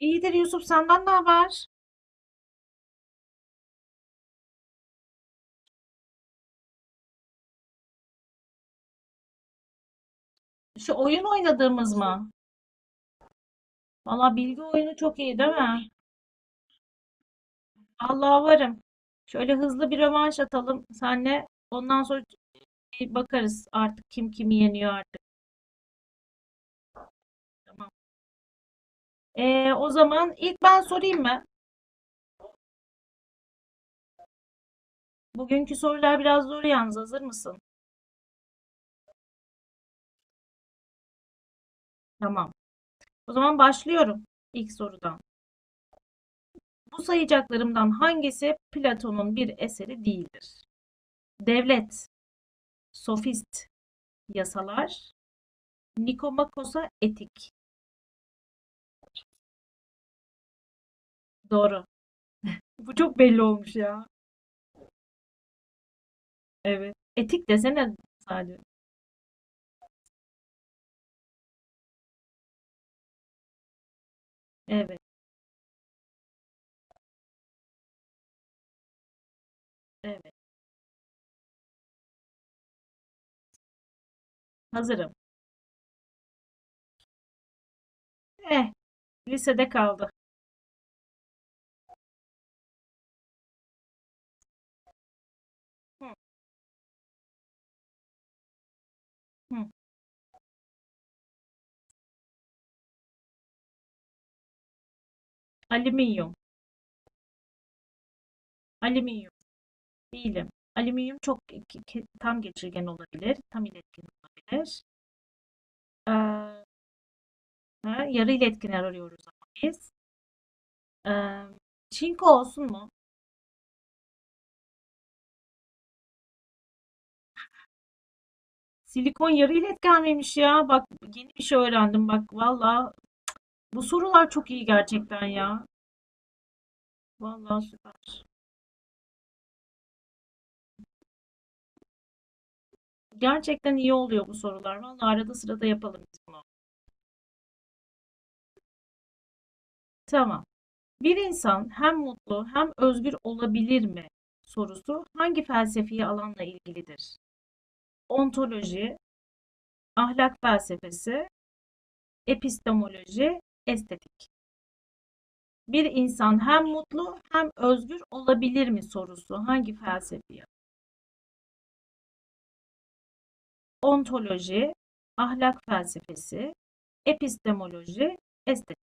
İyidir Yusuf, senden ne haber? Şu oyun oynadığımız mı? Valla, bilgi oyunu çok iyi değil mi? Allah varım. Şöyle hızlı bir rövanş atalım senle. Ondan sonra bir bakarız artık kim kimi yeniyor artık. Tamam. O zaman ilk ben sorayım mı? Bugünkü sorular biraz zor yalnız. Hazır mısın? Tamam. O zaman başlıyorum ilk sorudan. Bu sayacaklarımdan hangisi Platon'un bir eseri değildir? Devlet, sofist, yasalar, Nikomakos'a etik. Doğru. Bu çok belli olmuş ya. Evet. Etik desene sadece. Evet, evet. Hazırım. Eh, lisede kaldı. Hı, hı. Alüminyum, alüminyum. Değilim. Alüminyum çok tam geçirgen olabilir, tam iletken olabilir. Ee, ha, yarı iletkenler arıyoruz ama biz. Ee, Çinko olsun mu? Silikon yarı iletken miymiş ya? Bak, yeni bir şey öğrendim bak. Valla, bu sorular çok iyi gerçekten ya. Valla süper. Gerçekten iyi oluyor bu sorular. Vallahi arada sırada yapalım biz bunu. Tamam. Bir insan hem mutlu hem özgür olabilir mi sorusu hangi felsefi alanla ilgilidir? Ontoloji, ahlak felsefesi, epistemoloji, estetik. Bir insan hem mutlu hem özgür olabilir mi sorusu hangi felsefi? Ontoloji, ahlak felsefesi, epistemoloji, estetik.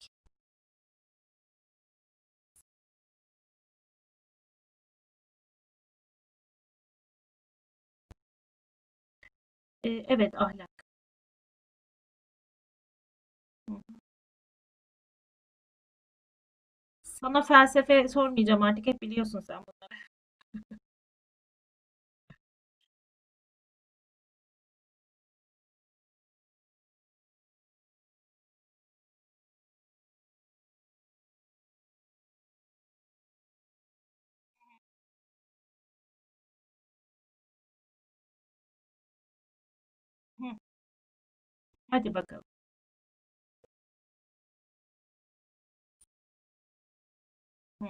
Evet, ahlak. Sana felsefe sormayacağım artık, hep biliyorsun sen bunu. Hadi bakalım. Hı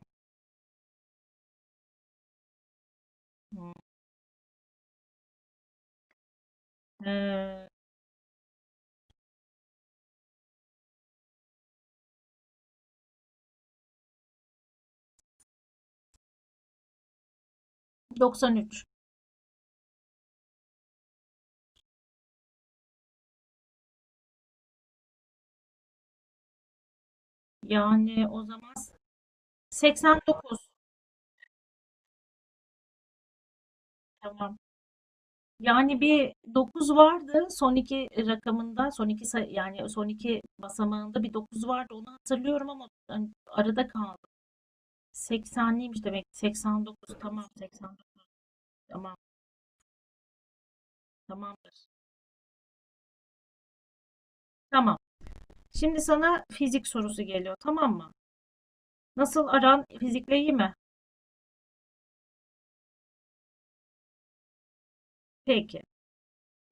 hı. Ee, 93. Yani o zaman 89. Tamam. Yani bir dokuz vardı son iki rakamında, yani son iki basamağında bir 9 vardı. Onu hatırlıyorum ama hani arada kaldı. 80'liymiş demek. 89, tamam. 89, tamam, tamamdır. Tamam. Şimdi sana fizik sorusu geliyor, tamam mı? Nasıl, aran fizikle iyi mi? Peki.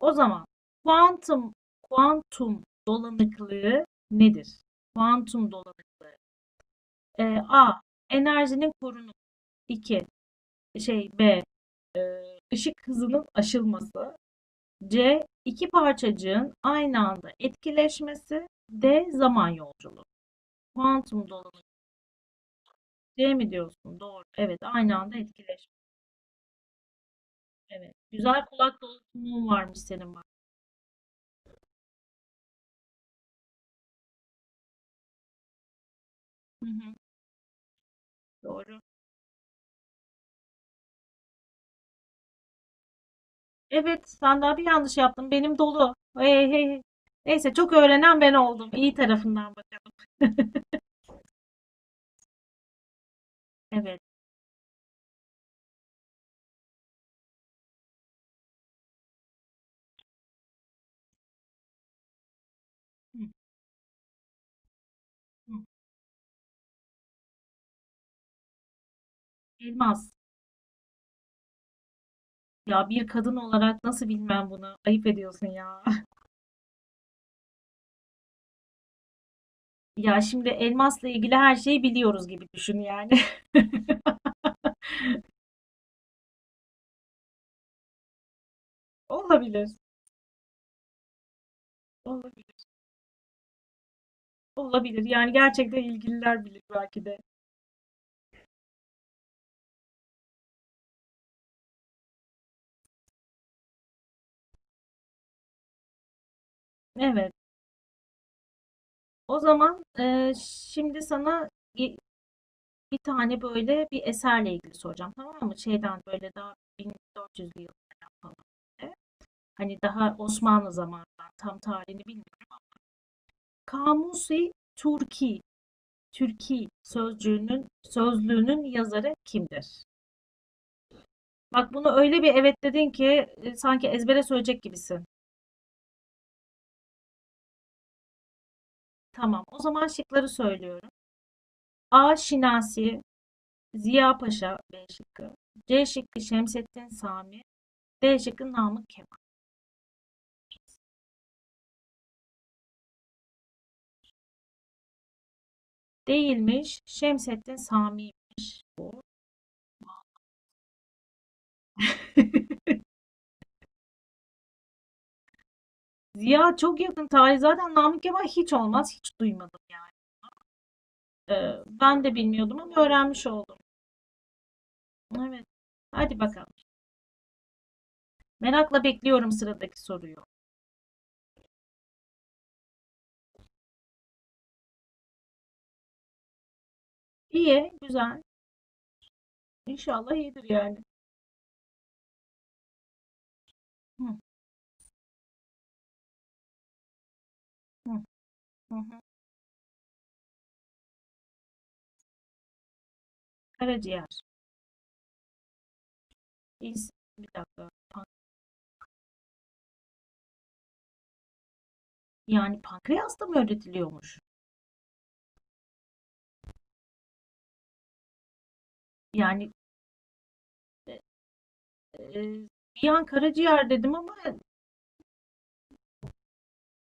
O zaman kuantum kuantum dolanıklığı nedir? Kuantum dolanıklığı. A. Enerjinin korunumu. 2. B. Işık hızının aşılması. C. İki parçacığın aynı anda etkileşmesi. D. Zaman yolculuğu. Kuantum dolanıklığı. C mi diyorsun? Doğru. Evet, aynı anda etkileşme. Evet. Güzel, kulak dolgunluğun varmış senin bak. Hı hı. Doğru. Evet, ben daha bir yanlış yaptım. Benim dolu. Hey, hey, hey. Neyse, çok öğrenen ben oldum. İyi tarafından bakalım. Evet. Hı, hı. Elmas. Ya, bir kadın olarak nasıl bilmem bunu? Ayıp ediyorsun ya. Ya şimdi elmasla ilgili her şeyi biliyoruz gibi düşün yani. Olabilir. Olabilir. Olabilir. Yani gerçekten ilgililer bilir belki de. Evet. O zaman şimdi sana bir tane böyle bir eserle ilgili soracağım, tamam mı? Şeyden, böyle daha 1400'lü yıllardan falan, böyle. Hani daha Osmanlı zamanından, tam tarihini bilmiyorum. Kamusi Türki, Türki sözcüğünün sözlüğünün yazarı kimdir? Bak, bunu öyle bir evet dedin ki sanki ezbere söyleyecek gibisin. Tamam. O zaman şıkları söylüyorum. A. Şinasi, Ziya Paşa B şıkkı. C şıkkı Şemsettin Sami, D şıkkı Namık Kemal. Değilmiş. Şemsettin Sami'ymiş bu. Ziya çok yakın tarih. Zaten Namık Kemal hiç olmaz. Hiç duymadım yani. Ben de bilmiyordum ama öğrenmiş oldum. Evet. Hadi bakalım. Merakla bekliyorum sıradaki soruyu. İyi, güzel. İnşallah iyidir yani. Hı, hı, hı, hı. Karaciğer. İns- Bir dakika. Yani pankreas da mı öğretiliyormuş? Yani e, bir an karaciğer dedim ama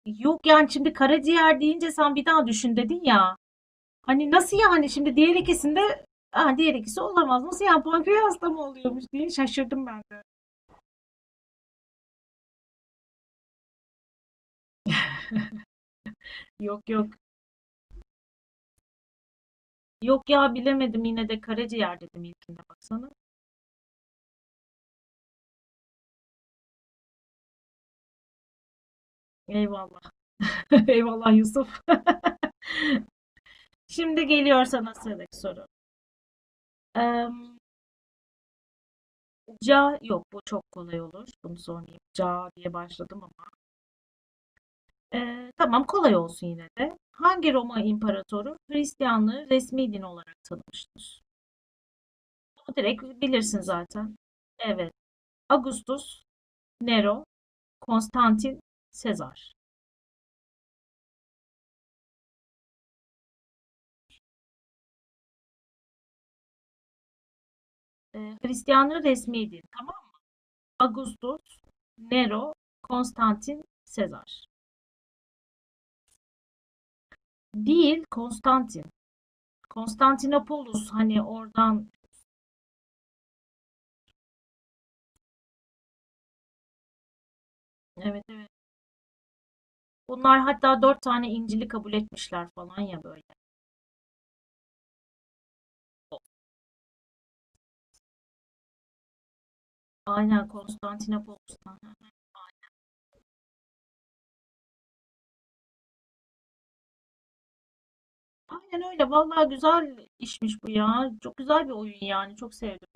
yok, yani şimdi karaciğer deyince sen bir daha düşün dedin ya. Hani nasıl yani, şimdi diğer ikisinde ha, diğer ikisi olamaz. Nasıl yani, pankreasla mı oluyormuş diye şaşırdım ben de. Yok yok. Yok ya, bilemedim yine de, karaciğer dedim ilkinde baksana. Eyvallah. Eyvallah Yusuf. Şimdi geliyor sana sıradaki soru. Eee, Ca yok, bu çok kolay olur. Bunu sormayayım. Ca diye başladım ama. Tamam, kolay olsun yine de. Hangi Roma imparatoru Hristiyanlığı resmi din olarak tanımıştır? Bunu direkt bilirsin zaten. Evet. Augustus, Nero, Konstantin, Sezar. Hristiyanlığın resmiydi. Tamam. Augustus, Nero, Konstantin, Sezar. Değil, Konstantin. Konstantinopolis, hani oradan. Evet, evet. Bunlar hatta dört tane İncil'i kabul etmişler falan ya, böyle. Aynen, Konstantinopolis'ten. Aynen öyle. Vallahi güzel işmiş bu ya. Çok güzel bir oyun yani. Çok sevdim.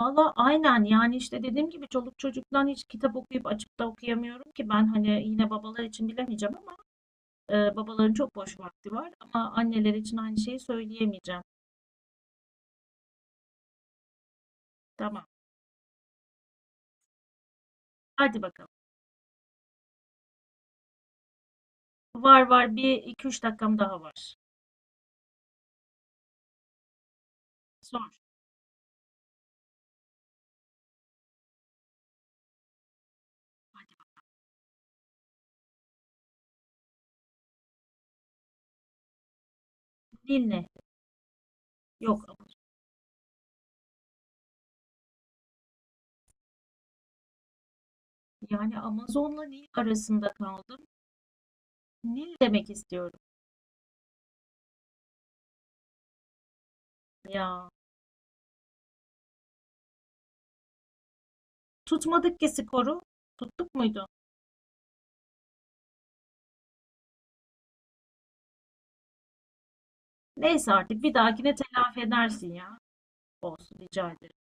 Valla aynen, yani işte dediğim gibi çoluk çocuktan hiç kitap okuyup açıp da okuyamıyorum ki ben, hani yine babalar için bilemeyeceğim ama babaların çok boş vakti var ama anneler için aynı şeyi söyleyemeyeceğim. Tamam, hadi bakalım. Var var, bir iki üç dakikam daha var. Sor. Hadi. Nil ne? Yok yani Amazon'la Nil arasında kaldım. Nil demek istiyorum ya. Tutmadık ki skoru. Tuttuk muydu? Neyse, artık bir dahakine telafi edersin ya. Olsun, rica ederim.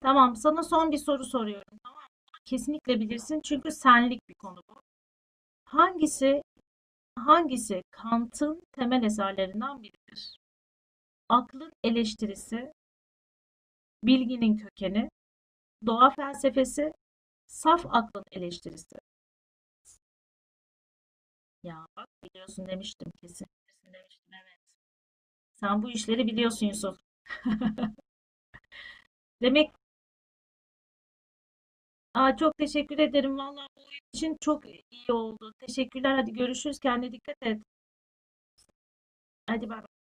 Tamam, sana son bir soru soruyorum. Tamam mı? Kesinlikle bilirsin çünkü senlik bir konu bu. Hangisi, hangisi Kant'ın temel eserlerinden biridir? Aklın eleştirisi, bilginin kökeni, doğa felsefesi, saf aklın eleştirisi. Ya bak, biliyorsun demiştim, kesin. Kesin demiştim, evet. Sen bu işleri biliyorsun Yusuf. Demek Aa, çok teşekkür ederim. Vallahi bu oyun için çok iyi oldu. Teşekkürler. Hadi görüşürüz. Kendine dikkat et. Hadi bay bay.